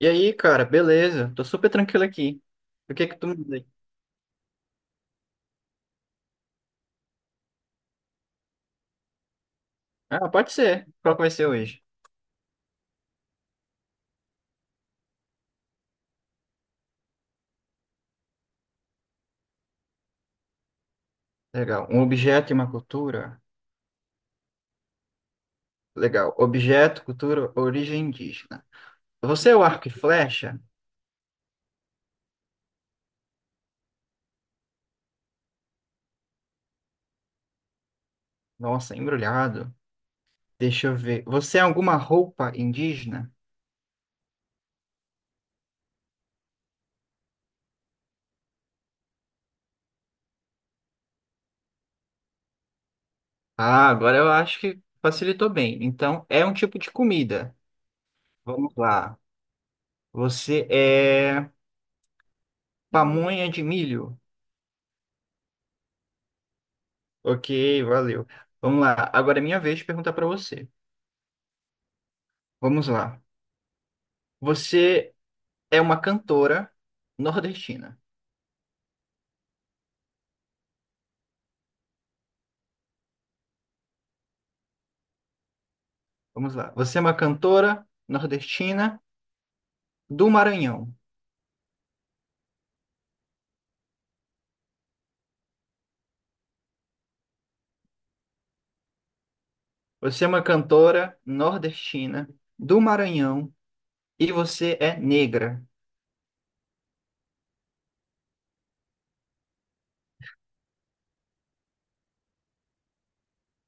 E aí, cara, beleza? Tô super tranquilo aqui. O que é que tu me diz? Ah, pode ser. Qual que vai ser hoje? Legal. Um objeto e uma cultura? Legal. Objeto, cultura, origem indígena. Você é o arco e flecha? Nossa, embrulhado. Deixa eu ver. Você é alguma roupa indígena? Ah, agora eu acho que facilitou bem. Então, é um tipo de comida. Vamos lá. Você é pamonha de milho? Ok, valeu. Vamos lá. Agora é minha vez de perguntar para você. Vamos lá. Você é uma cantora nordestina. Vamos lá. Você é uma cantora nordestina do Maranhão. Você é uma cantora nordestina do Maranhão e você é negra.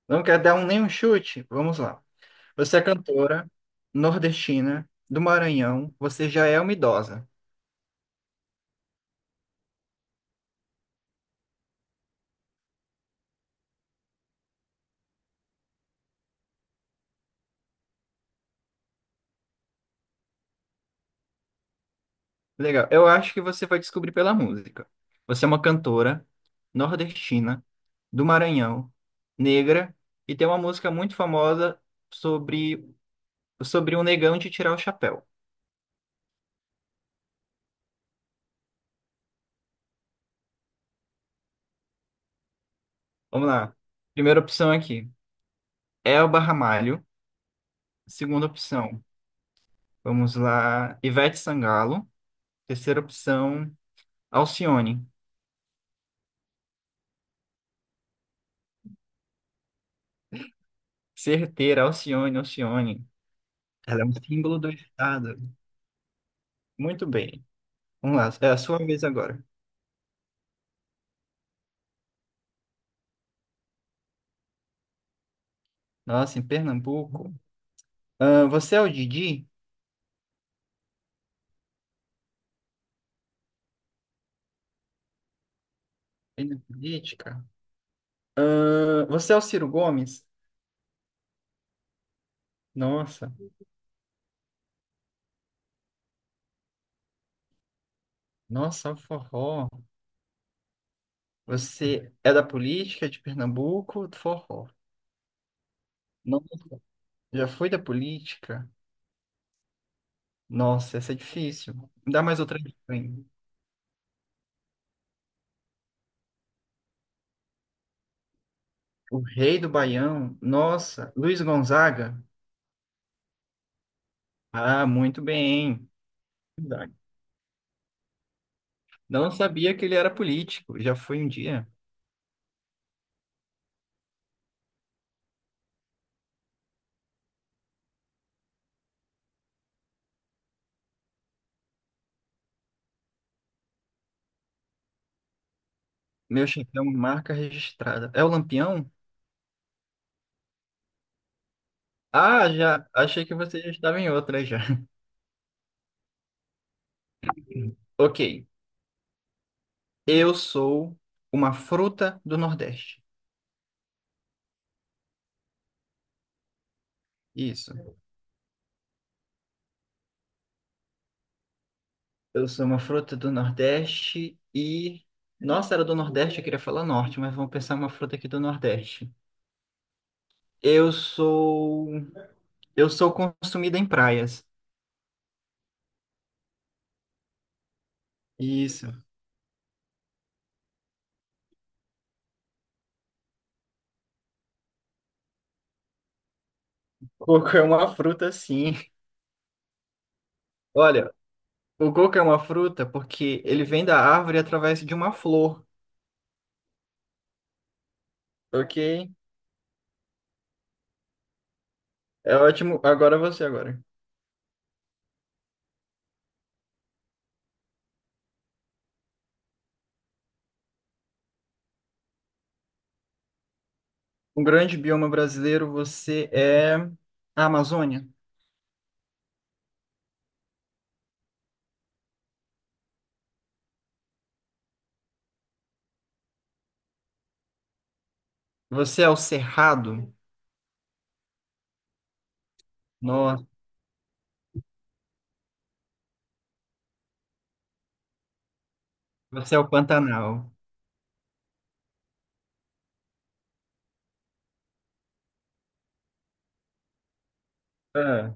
Não quer dar um, nenhum chute? Vamos lá. Você é cantora nordestina do Maranhão. Você já é uma idosa. Legal. Eu acho que você vai descobrir pela música. Você é uma cantora nordestina, do Maranhão, negra, e tem uma música muito famosa sobre, sobre um negão de tirar o chapéu. Vamos lá. Primeira opção aqui, Elba Ramalho. Segunda opção, vamos lá, Ivete Sangalo. Terceira opção, Alcione. Certeira, Alcione, Alcione. Ela é um símbolo do estado. Muito bem. Vamos lá, é a sua vez agora. Nossa, em Pernambuco. Ah, você é o Didi? Ele é política? Ah, você é o Ciro Gomes? Nossa, nossa, é um forró. Você é da política de Pernambuco ou do forró? Não, já foi da política? Nossa, essa é difícil. Me dá mais outra dica aí. O rei do Baião? Nossa, Luiz Gonzaga? Ah, muito bem. Verdade. Não sabia que ele era político. Já foi um dia. Meu chefão, marca registrada. É o Lampião? Ah, já. Achei que você já estava em outra já. Ok. Eu sou uma fruta do Nordeste. Isso. Eu sou uma fruta do Nordeste e. Nossa, era do Nordeste, eu queria falar Norte, mas vamos pensar uma fruta aqui do Nordeste. Eu sou. Eu sou consumida em praias. Isso. Coco é uma fruta, sim. Olha, o coco é uma fruta porque ele vem da árvore através de uma flor, ok? É ótimo. Agora você, agora. Um grande bioma brasileiro, você é a Amazônia. Você é o Cerrado? Nossa, você é o Pantanal. Ah,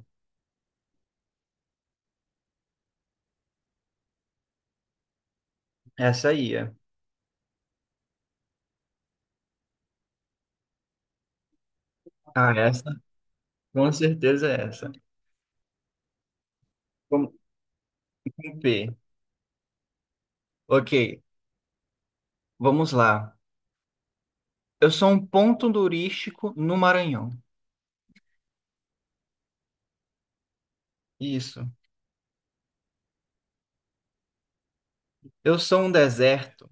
essa aí é. Ah, essa? Com certeza é essa. Com com P. Ok, vamos lá. Eu sou um ponto turístico no Maranhão. Isso. Eu sou um deserto.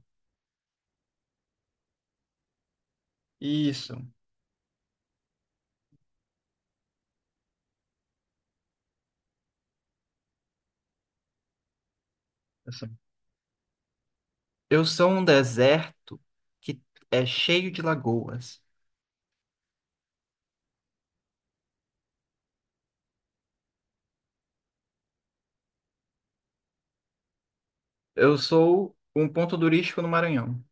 Isso. Eu sou eu sou um deserto que é cheio de lagoas. Eu sou um ponto turístico no Maranhão.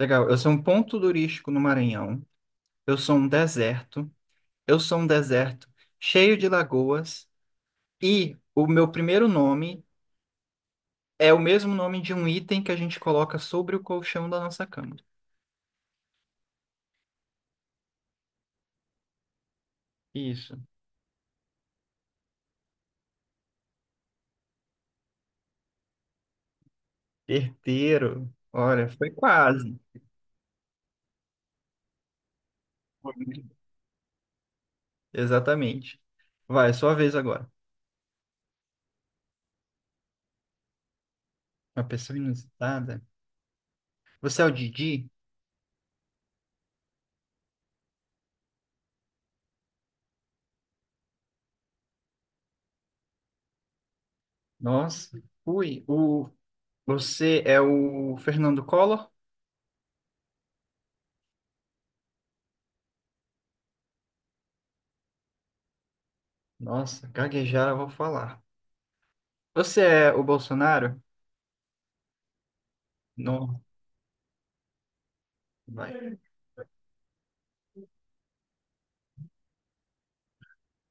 Legal. Eu sou um ponto turístico no Maranhão. Eu sou um deserto. Eu sou um deserto cheio de lagoas e o meu primeiro nome é o mesmo nome de um item que a gente coloca sobre o colchão da nossa cama. Isso. Herdeiro. Olha, foi quase. Exatamente. Vai, sua vez agora. Uma pessoa inusitada. Você é o Didi? Nossa. Ui, o... você é o Fernando Collor? Nossa, gaguejar eu vou falar. Você é o Bolsonaro? Não. Vai.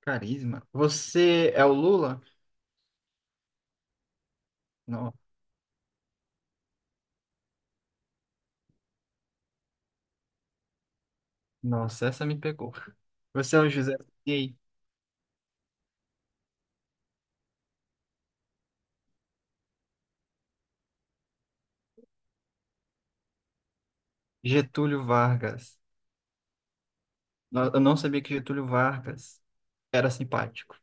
Carisma. Você é o Lula? Não. Nossa, essa me pegou. Você é o José Sarney? Getúlio Vargas. No- Eu não sabia que Getúlio Vargas era simpático.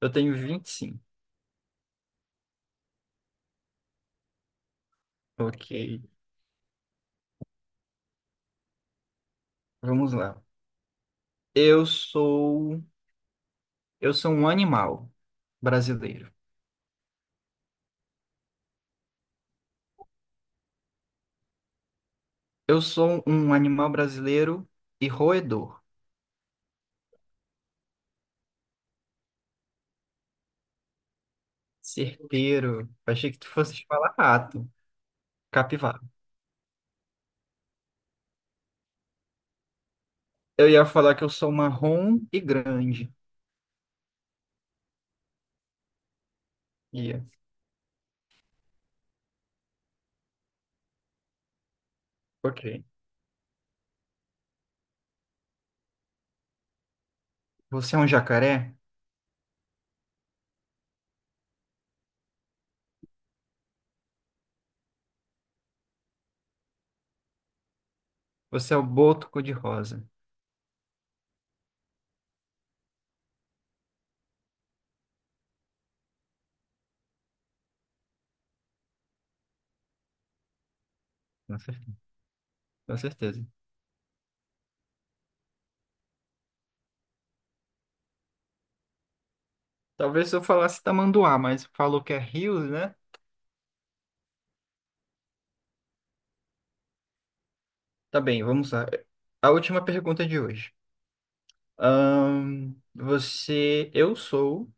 Eu tenho 25. Ok, vamos lá. Eu sou, eu sou um animal brasileiro. Eu sou um animal brasileiro e roedor, certeiro. Achei que tu fosse falar rato, capivara. Eu ia falar que eu sou marrom e grande. Ia. Ok. Você é um jacaré? Você é o boto cor-de-rosa. Com cer- com certeza. Talvez se eu falasse tamanduá, mas falou que é Rio, né? Tá bem, vamos lá. A última pergunta de hoje. Você, eu sou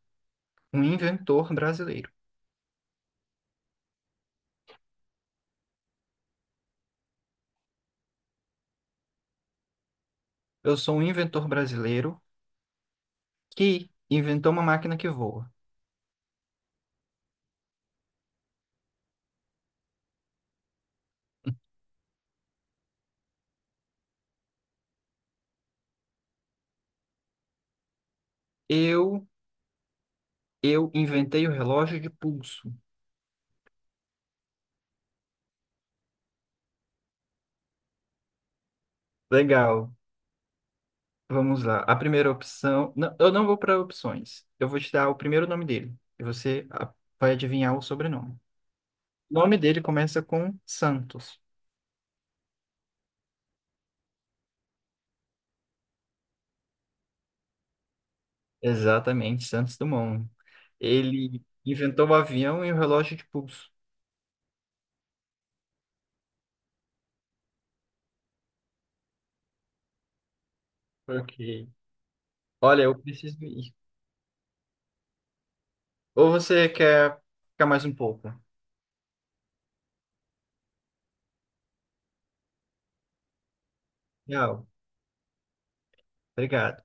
um inventor brasileiro. Eu sou um inventor brasileiro que inventou uma máquina que voa. Eu, eu inventei o relógio de pulso. Legal. Vamos lá. A primeira opção. Não, eu não vou para opções. Eu vou te dar o primeiro nome dele. E você vai adivinhar o sobrenome. O nome dele começa com Santos. Exatamente, Santos Dumont. Ele inventou o avião e o relógio de pulso. Ok. Olha, eu preciso ir. Ou você quer ficar mais um pouco? Tchau. Obrigado.